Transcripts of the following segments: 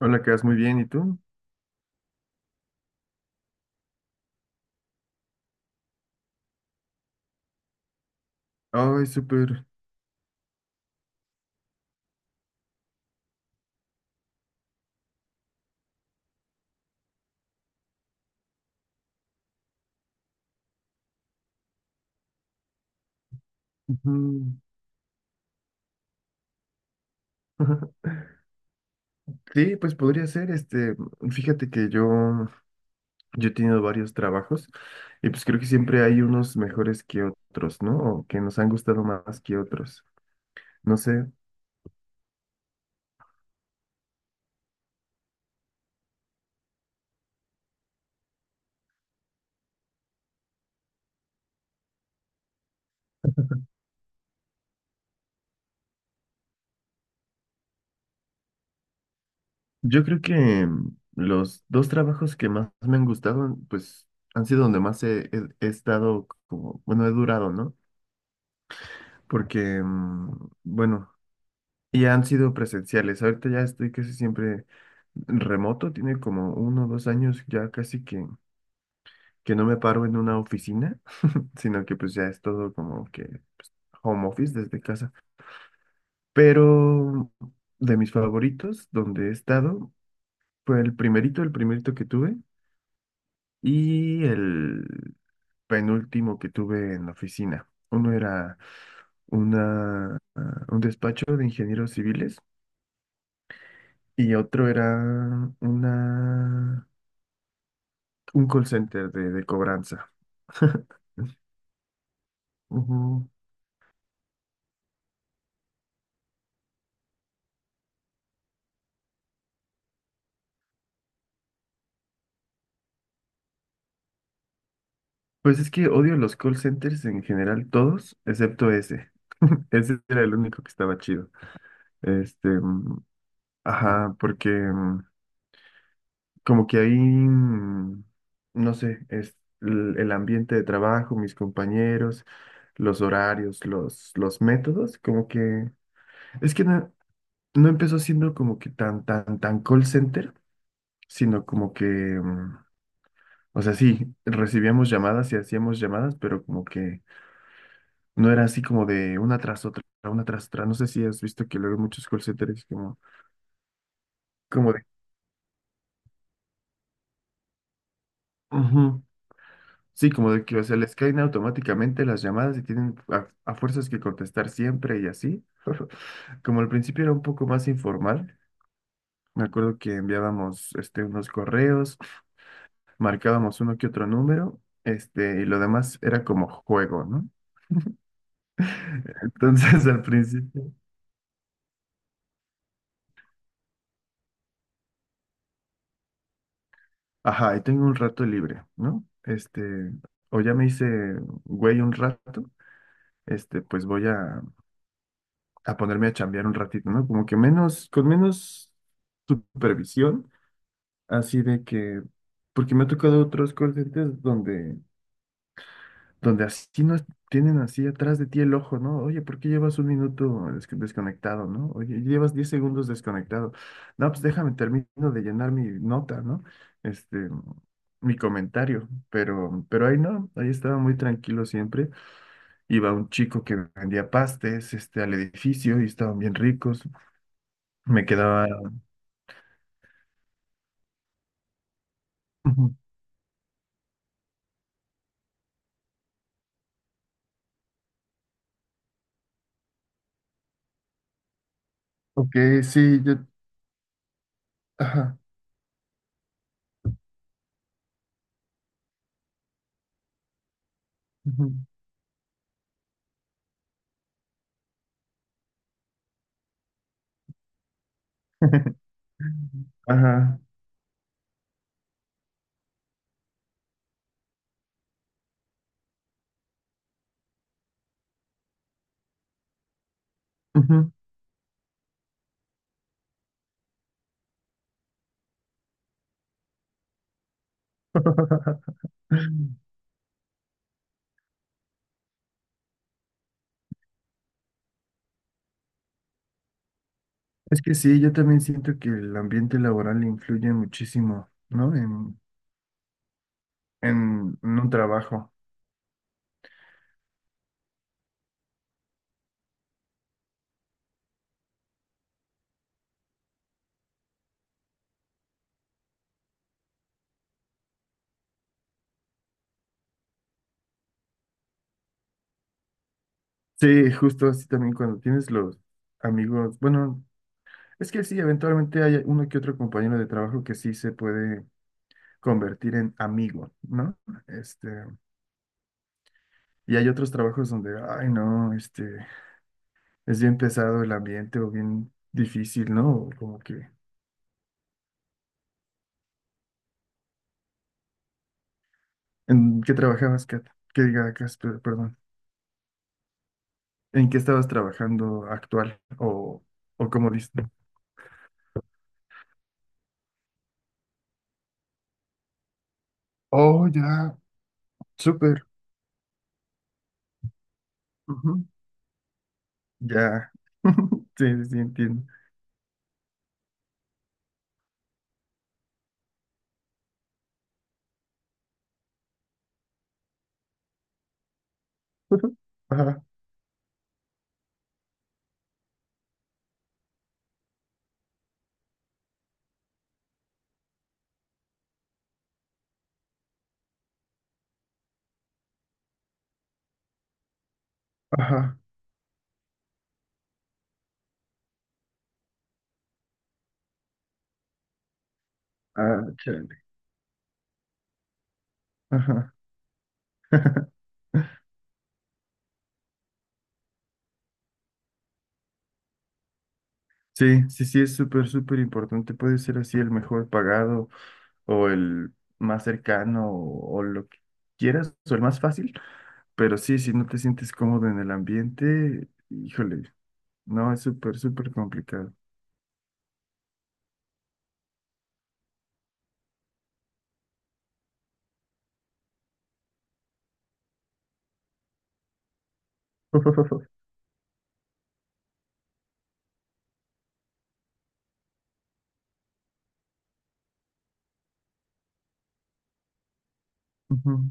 Hola, que vas muy bien, ¿y tú? Ay, súper. Ujú. Sí, pues podría ser, fíjate que yo he tenido varios trabajos y pues creo que siempre hay unos mejores que otros, ¿no? O que nos han gustado más que otros. No sé, yo creo que los dos trabajos que más me han gustado, pues han sido donde más he estado como, bueno, he durado, ¿no? Porque, bueno, y han sido presenciales. Ahorita ya estoy casi siempre remoto. Tiene como 1 o 2 años ya casi que, no me paro en una oficina, sino que pues ya es todo como que home office desde casa. Pero de mis favoritos, donde he estado, fue el primerito que tuve y el penúltimo que tuve en la oficina. Uno era un despacho de ingenieros civiles y otro era una un call center de cobranza. Ujú. Pues es que odio los call centers en general, todos, excepto ese. Ese era el único que estaba chido. Este, mm, ajá, porque como que ahí, no sé, es el ambiente de trabajo, mis compañeros, los horarios, los métodos, como que, es que no empezó siendo como que tan, tan, tan call center, sino como que o sea, sí, recibíamos llamadas y hacíamos llamadas, pero como que no era así como de una tras otra, una tras otra. No sé si has visto que luego muchos call centers como de, ujú, sí, como de que, o sea, les caen automáticamente las llamadas y tienen a fuerzas que contestar siempre y así. Como al principio era un poco más informal, me acuerdo que enviábamos unos correos, marcábamos uno que otro número, y lo demás era como juego, ¿no? Entonces al principio, ajá, y tengo un rato libre, ¿no? O ya me hice güey un rato, pues voy a ponerme a chambear un ratito, ¿no? Como que menos, con menos supervisión, así de que, porque me ha tocado otros call centers donde así no es- tienen así atrás de ti el ojo, ¿no? Oye, ¿por qué llevas 1 minuto desconectado? ¿No? Oye, llevas 10 segundos desconectado. No, pues déjame, termino de llenar mi nota, ¿no? Este, mi comentario, pero, ahí no, ahí estaba muy tranquilo siempre. Iba un chico que vendía pastes, al edificio y estaban bien ricos. Me quedaba. Ujú, ok, sí, ajá, ujú. Ajá, ujú. Es que sí, yo también siento que el ambiente laboral influye muchísimo, ¿no? En un trabajo. Sí, justo así también cuando tienes los amigos, bueno, es que sí, eventualmente hay uno que otro compañero de trabajo que sí se puede convertir en amigo, ¿no? Este, y hay otros trabajos donde, ay, no, es bien pesado el ambiente o bien difícil, ¿no? O como que, ¿en qué trabajabas, Kat? Que diga, Cas, perdón. ¿En qué estabas trabajando actual? ¿O cómo dices? Oh, ya, súper. Ujú, ya. Sí, sí, sí, entiendo. Ajá, ajá. Ah, chale. Ajá. Sí, sí, sí, es súper, súper importante. Puede ser así el mejor pagado o el más cercano o lo que quieras o el más fácil. Pero sí, si no te sientes cómodo en el ambiente, híjole, no, es súper, súper complicado. Ujú.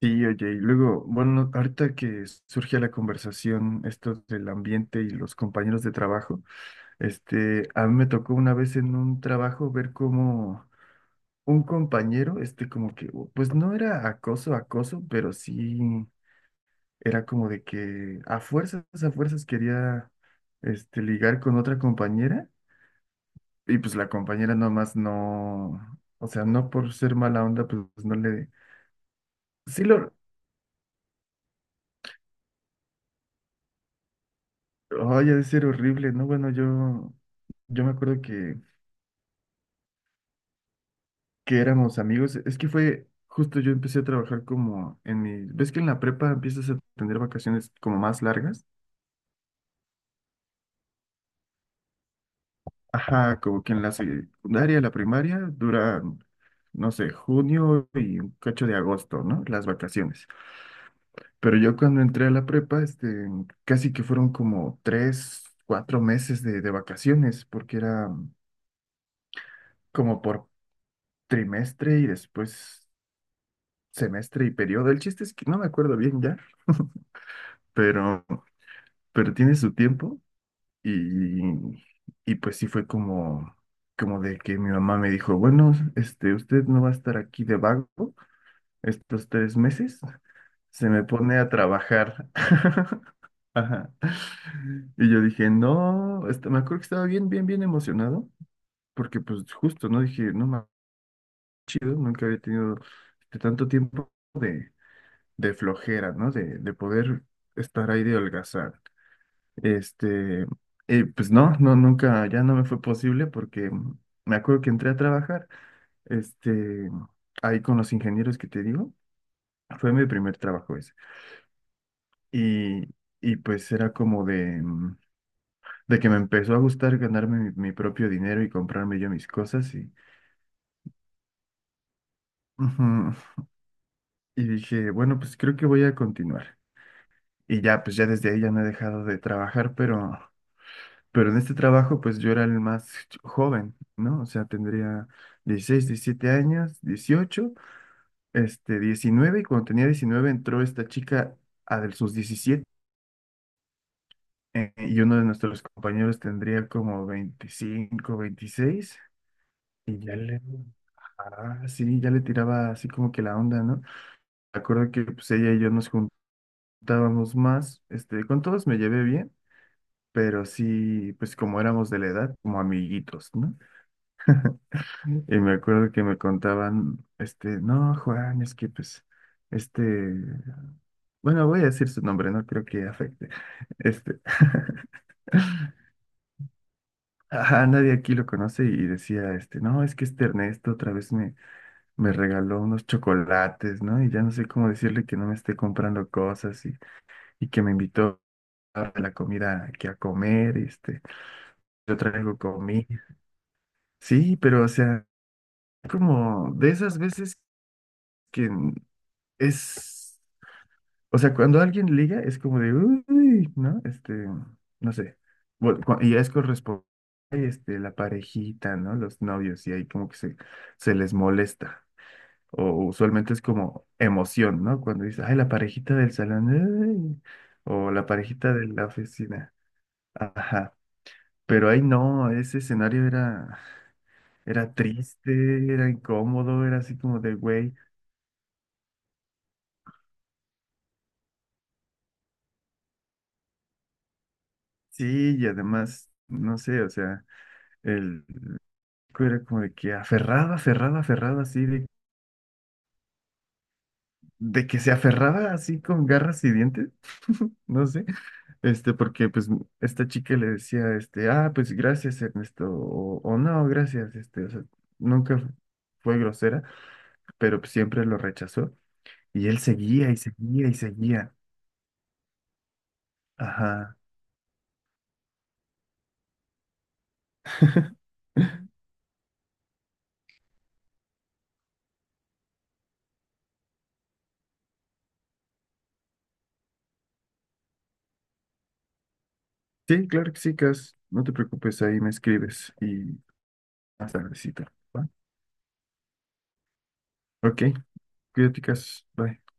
Sí, oye, y luego, bueno, ahorita que surge la conversación, esto del ambiente y los compañeros de trabajo, a mí me tocó una vez en un trabajo ver cómo un compañero, como que, pues no era acoso, acoso, pero sí era como de que a fuerzas quería, ligar con otra compañera y pues la compañera nomás no, o sea, no por ser mala onda, pues no le. Sí, ay, ha de ser horrible, ¿no? Bueno, yo me acuerdo que, éramos amigos. Es que fue justo yo empecé a trabajar como en mi. ¿Ves que en la prepa empiezas a tener vacaciones como más largas? Ajá, como que en la secundaria, la primaria, duran, no sé, junio y un cacho de agosto, ¿no? Las vacaciones. Pero yo cuando entré a la prepa, casi que fueron como 3, 4 meses de vacaciones, porque era como por trimestre y después semestre y periodo. El chiste es que no me acuerdo bien ya, pero, tiene su tiempo y, y pues sí fue como, de que mi mamá me dijo, bueno, usted no va a estar aquí de vago estos 3 meses, se me pone a trabajar. Ajá. Y yo dije, no, me acuerdo que estaba bien, bien, bien emocionado, porque pues justo, ¿no? Dije, no, más chido, nunca había tenido tanto tiempo de flojera, ¿no? De poder estar ahí de holgazán. Este, pues no, no, nunca, ya no me fue posible porque me acuerdo que entré a trabajar, este, ahí con los ingenieros que te digo, fue mi primer trabajo ese. Y, y pues era como de, de que me empezó a gustar ganarme mi propio dinero y comprarme yo mis cosas y, ujú, y dije, bueno, pues creo que voy a continuar. Y ya, pues ya desde ahí ya no he dejado de trabajar, pero. Pero en este trabajo, pues yo era el más joven, ¿no? O sea, tendría 16, 17 años, 18, 19, y cuando tenía 19 entró esta chica a de sus 17, y uno de nuestros compañeros tendría como 25, 26, y ah, sí, ya le tiraba así como que la onda, ¿no? Me acuerdo que pues ella y yo nos juntábamos más, con todos me llevé bien, pero sí, pues como éramos de la edad, como amiguitos, ¿no? Y me acuerdo que me contaban, no, Juan, es que pues, este, bueno, voy a decir su nombre, no creo que afecte. Este, ajá, nadie aquí lo conoce y decía, no, es que este Ernesto otra vez me, regaló unos chocolates, ¿no? Y ya no sé cómo decirle que no me esté comprando cosas y que me invitó a la comida aquí a comer, y, yo traigo comida. Sí, pero o sea, como de esas veces que es. O sea, cuando alguien liga es como de, uy, ¿no? No sé. Bueno, y es corresponde, la parejita, ¿no? Los novios, y ahí como que se les molesta. O usualmente es como emoción, ¿no? Cuando dice, ay, la parejita del salón, ay, o la parejita de la oficina. Ajá. Pero ahí no, ese escenario era, triste, era incómodo, era así como de, güey, sí, y además, no sé, o sea. Era como de que aferrada, aferrada, aferrada, así, de que se aferraba así con garras y dientes, no sé, porque pues esta chica le decía, ah, pues gracias, Ernesto, o, no, gracias, o sea, nunca fue grosera, pero pues, siempre lo rechazó, y él seguía y seguía y seguía, ajá. Sí, claro que sí, Cas, no te preocupes, ahí me escribes y hasta tardecito, ¿va? Ok, cuídate, Cas, bye.